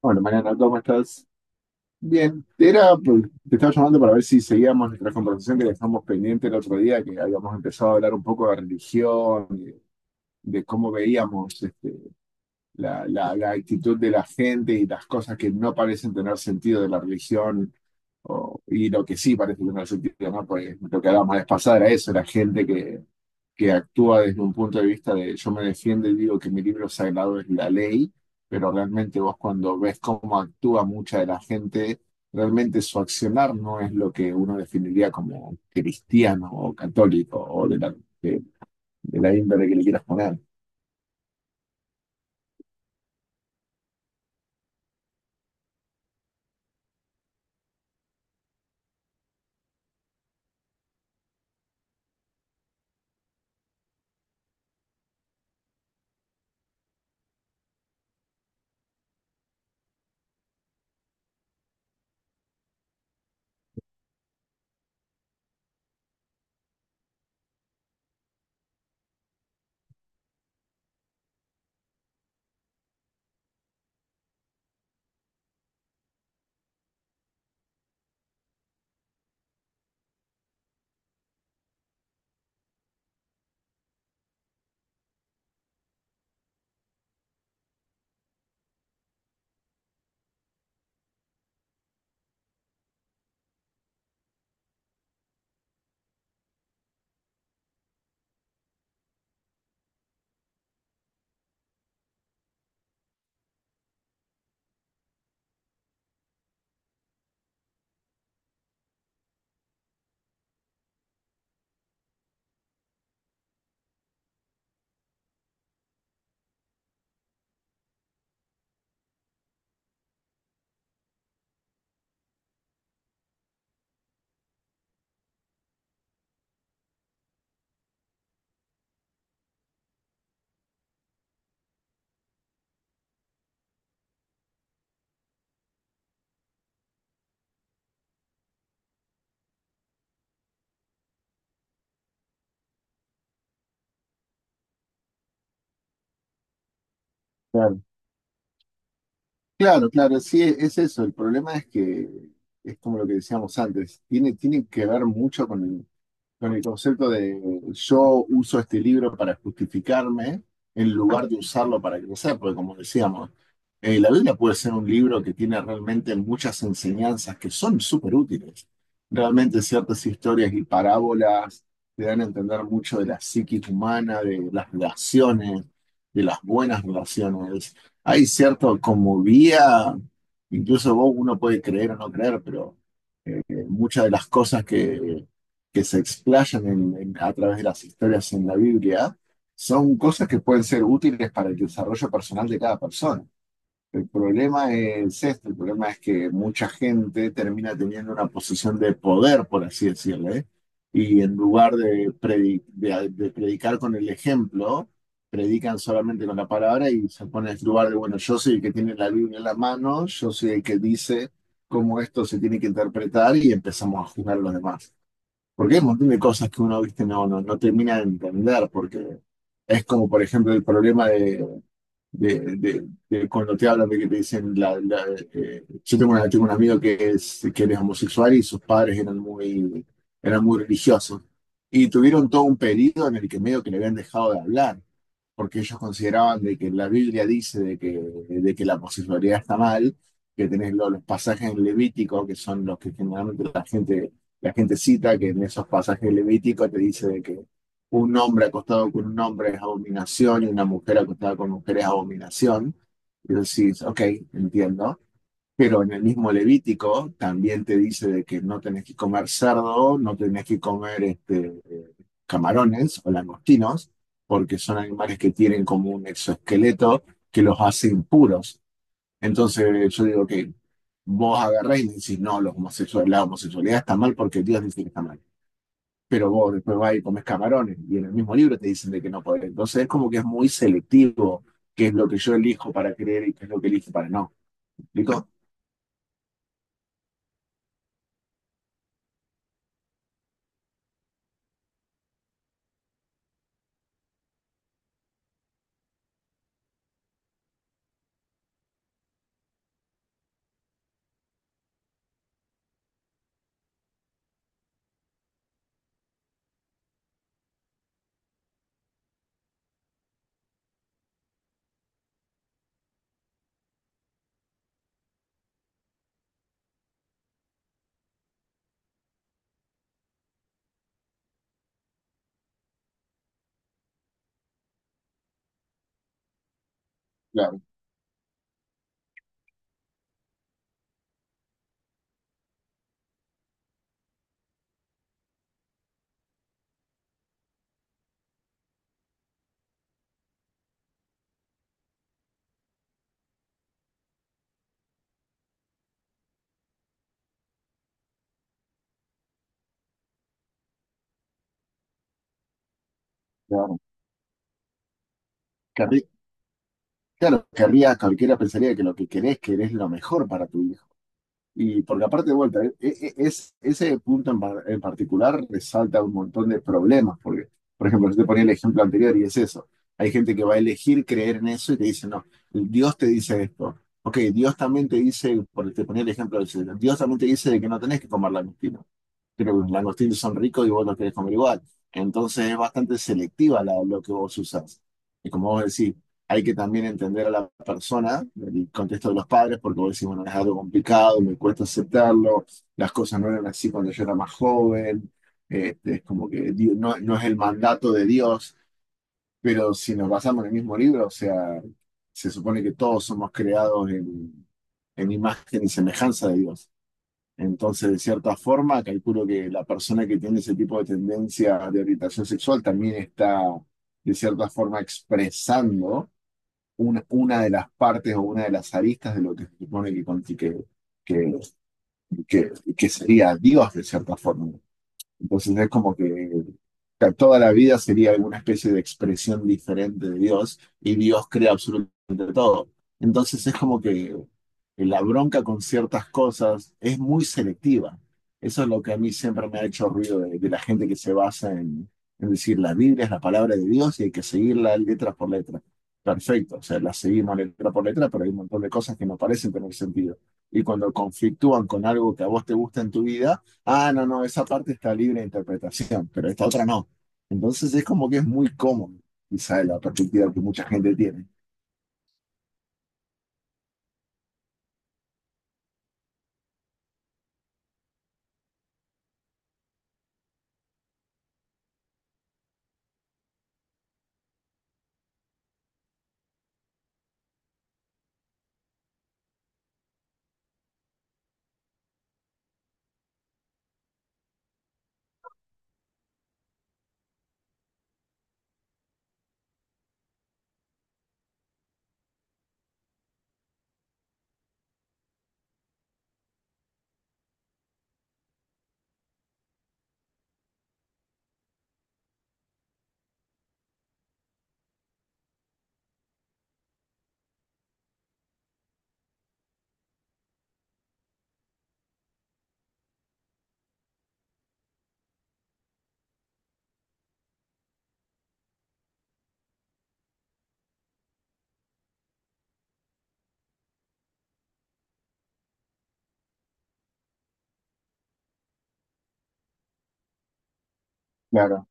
Bueno, Mariana, ¿cómo estás? Bien, era, pues, te estaba llamando para ver si seguíamos nuestra conversación que dejamos pendiente el otro día, que habíamos empezado a hablar un poco de religión, de cómo veíamos la actitud de la gente y las cosas que no parecen tener sentido de la religión y lo que sí parece tener sentido, ¿no? Pues lo que hablábamos la vez pasada era eso, la gente que actúa desde un punto de vista de yo me defiendo y digo que mi libro sagrado es la ley, pero realmente vos cuando ves cómo actúa mucha de la gente, realmente su accionar no es lo que uno definiría como cristiano o católico o de, de la índole que le quieras poner. Claro, claro, claro, sí, es eso. El problema es que es como lo que decíamos antes, tiene que ver mucho con el concepto de yo uso este libro para justificarme en lugar de usarlo para crecer, porque como decíamos, la Biblia puede ser un libro que tiene realmente muchas enseñanzas que son súper útiles. Realmente ciertas historias y parábolas te dan a entender mucho de la psiquis humana, de las relaciones, de las buenas relaciones. Hay cierto como vía, incluso vos uno puede creer o no creer, pero muchas de las cosas que se explayan a través de las historias en la Biblia son cosas que pueden ser útiles para el desarrollo personal de cada persona. El problema es este, el problema es que mucha gente termina teniendo una posición de poder, por así decirlo, ¿eh? Y en lugar de predicar con el ejemplo, predican solamente con la palabra y se pone en el lugar de, bueno, yo soy el que tiene la Biblia en la mano, yo soy el que dice cómo esto se tiene que interpretar y empezamos a juzgar a los demás. Porque hay un montón de cosas que uno, viste, no termina de entender, porque es como, por ejemplo, el problema de cuando te hablan de que te dicen, tengo un amigo que es, que él es homosexual y sus padres eran eran muy religiosos. Y tuvieron todo un periodo en el que medio que le habían dejado de hablar porque ellos consideraban de que la Biblia dice de que la homosexualidad está mal, que tenés los pasajes en Levítico, que son los que generalmente la gente cita, que en esos pasajes Levíticos te dice de que un hombre acostado con un hombre es abominación y una mujer acostada con mujer es abominación. Y decís, ok, entiendo. Pero en el mismo Levítico también te dice de que no tenés que comer cerdo, no tenés que comer camarones o langostinos, porque son animales que tienen como un exoesqueleto que los hace impuros. Entonces yo digo que vos agarrás y me decís, no, los homosexuales, la homosexualidad está mal porque Dios dice que está mal. Pero vos después vas y comes camarones y en el mismo libro te dicen de que no podés. Entonces es como que es muy selectivo qué es lo que yo elijo para creer y qué es lo que elijo para no. ¿Explico? Claro, claro. Qué Claro, querría, cualquiera pensaría que lo que querés, querés lo mejor para tu hijo. Y porque aparte de vuelta, ese punto en particular resalta un montón de problemas, porque, por ejemplo, yo te ponía el ejemplo anterior y es eso. Hay gente que va a elegir creer en eso y te dice, no, Dios te dice esto. Ok, Dios también te dice, por te ponía el ejemplo del cielo, Dios también te dice de que no tenés que comer la mentira, pero los langostinos son ricos y vos los querés comer igual. Entonces es bastante selectiva lo que vos usás. Y como vos decís, hay que también entender a la persona, el contexto de los padres, porque vos decís, bueno, es algo complicado, me cuesta aceptarlo, las cosas no eran así cuando yo era más joven, este, es como que no, no es el mandato de Dios, pero si nos basamos en el mismo libro, o sea, se supone que todos somos creados en imagen y semejanza de Dios. Entonces, de cierta forma, calculo que la persona que tiene ese tipo de tendencia de orientación sexual también está, de cierta forma, expresando una de las partes o una de las aristas de lo que se supone que, que, que sería Dios, de cierta forma. Entonces es como que toda la vida sería alguna especie de expresión diferente de Dios y Dios crea absolutamente todo. Entonces es como que la bronca con ciertas cosas es muy selectiva. Eso es lo que a mí siempre me ha hecho ruido de la gente que se basa en decir la Biblia es la palabra de Dios y hay que seguirla letra por letra. Perfecto, o sea, la seguimos letra por letra, pero hay un montón de cosas que no parecen tener sentido. Y cuando conflictúan con algo que a vos te gusta en tu vida, ah, no, no, esa parte está libre de interpretación, pero esta otra no. Entonces es como que es muy cómodo, quizá de la perspectiva que mucha gente tiene. Claro,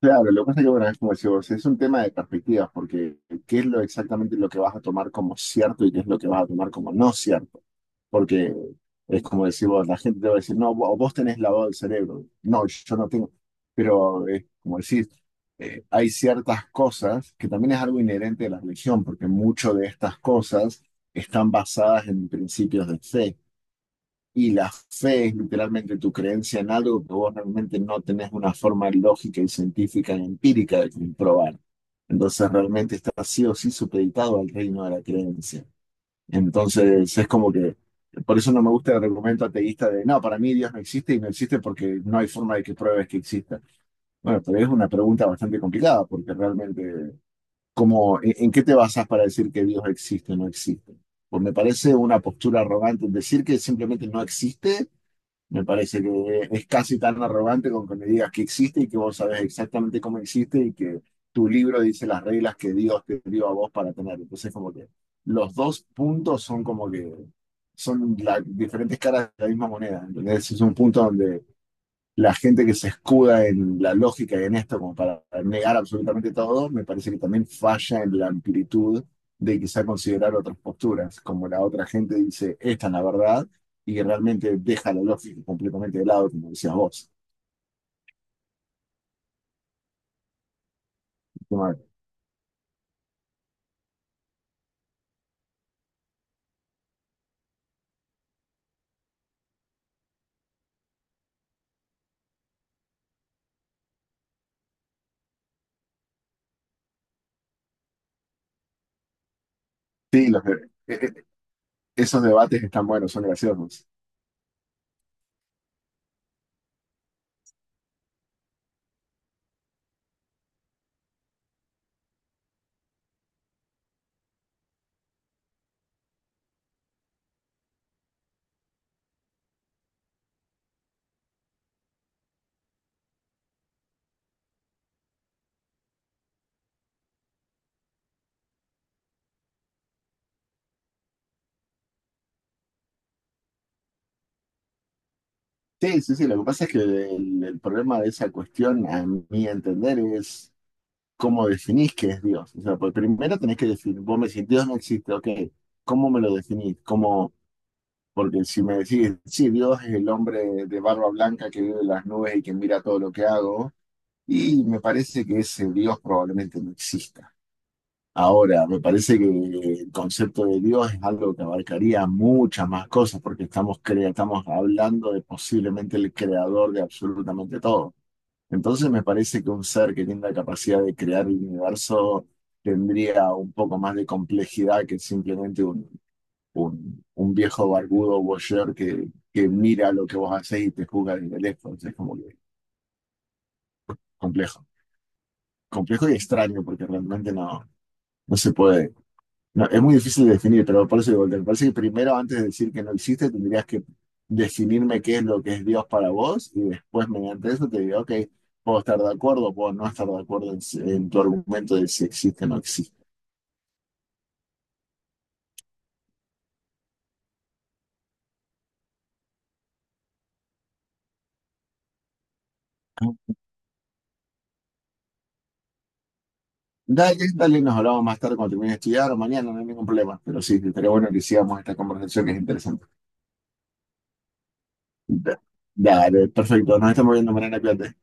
claro, lo que pasa es que, bueno, es como decís vos, es un tema de perspectivas, porque qué es lo exactamente lo que vas a tomar como cierto y qué es lo que vas a tomar como no cierto. Porque es como decir, vos, la gente te va a decir, no, vos tenés lavado el cerebro. No, yo no tengo. Pero es como decir, hay ciertas cosas que también es algo inherente de la religión, porque muchas de estas cosas están basadas en principios de fe. Y la fe es literalmente tu creencia en algo que vos realmente no tenés una forma lógica y científica y empírica de comprobar. Entonces realmente está sí o sí supeditado al reino de la creencia. Entonces es como que, por eso no me gusta el argumento ateísta de, no, para mí Dios no existe y no existe porque no hay forma de que pruebes que exista. Bueno, pero es una pregunta bastante complicada porque realmente, como en qué te basas para decir que Dios existe o no existe? Pues me parece una postura arrogante decir que simplemente no existe, me parece que es casi tan arrogante con que me digas que existe y que vos sabés exactamente cómo existe y que tu libro dice las reglas que Dios te dio a vos para tener. Entonces, como que los dos puntos son como que son las diferentes caras de la misma moneda. ¿Entendés? Es un punto la gente que se escuda en la lógica y en esto como para negar absolutamente todo, me parece que también falla en la amplitud de quizá considerar otras posturas, como la otra gente dice, esta es la verdad, y realmente deja la lógica completamente de lado, como decías vos. Sí, los de- e- e- esos debates están buenos, son graciosos. Sí, sí, sí, lo que pasa es que el problema de esa cuestión, a mi entender, es ¿cómo definís qué es Dios? O sea, pues primero tenés que definir, vos me decís, Dios no existe, ok, ¿cómo me lo definís? ¿Cómo? Porque si me decís, sí, Dios es el hombre de barba blanca que vive en las nubes y que mira todo lo que hago, y me parece que ese Dios probablemente no exista. Ahora, me parece que el concepto de Dios es algo que abarcaría muchas más cosas, porque estamos, estamos hablando de posiblemente el creador de absolutamente todo. Entonces me parece que un ser que tiene la capacidad de crear el universo tendría un poco más de complejidad que simplemente un, un viejo barbudo voyeur que mira lo que vos hacés y te juzga desde lejos. Es como que complejo. Complejo y extraño porque realmente no, no se puede. No, es muy difícil de definir, pero por eso digo, me parece que primero, antes de decir que no existe, tendrías que definirme qué es lo que es Dios para vos y después mediante eso te digo, ok, puedo estar de acuerdo, puedo no estar de acuerdo en, si, en tu argumento de si existe o no existe. Dale, dale, nos hablamos más tarde cuando termine de estudiar o mañana, no hay ningún problema, pero sí, estaría bueno que sigamos esta conversación que es interesante. Da- Dale, perfecto, nos estamos viendo mañana, cuídate.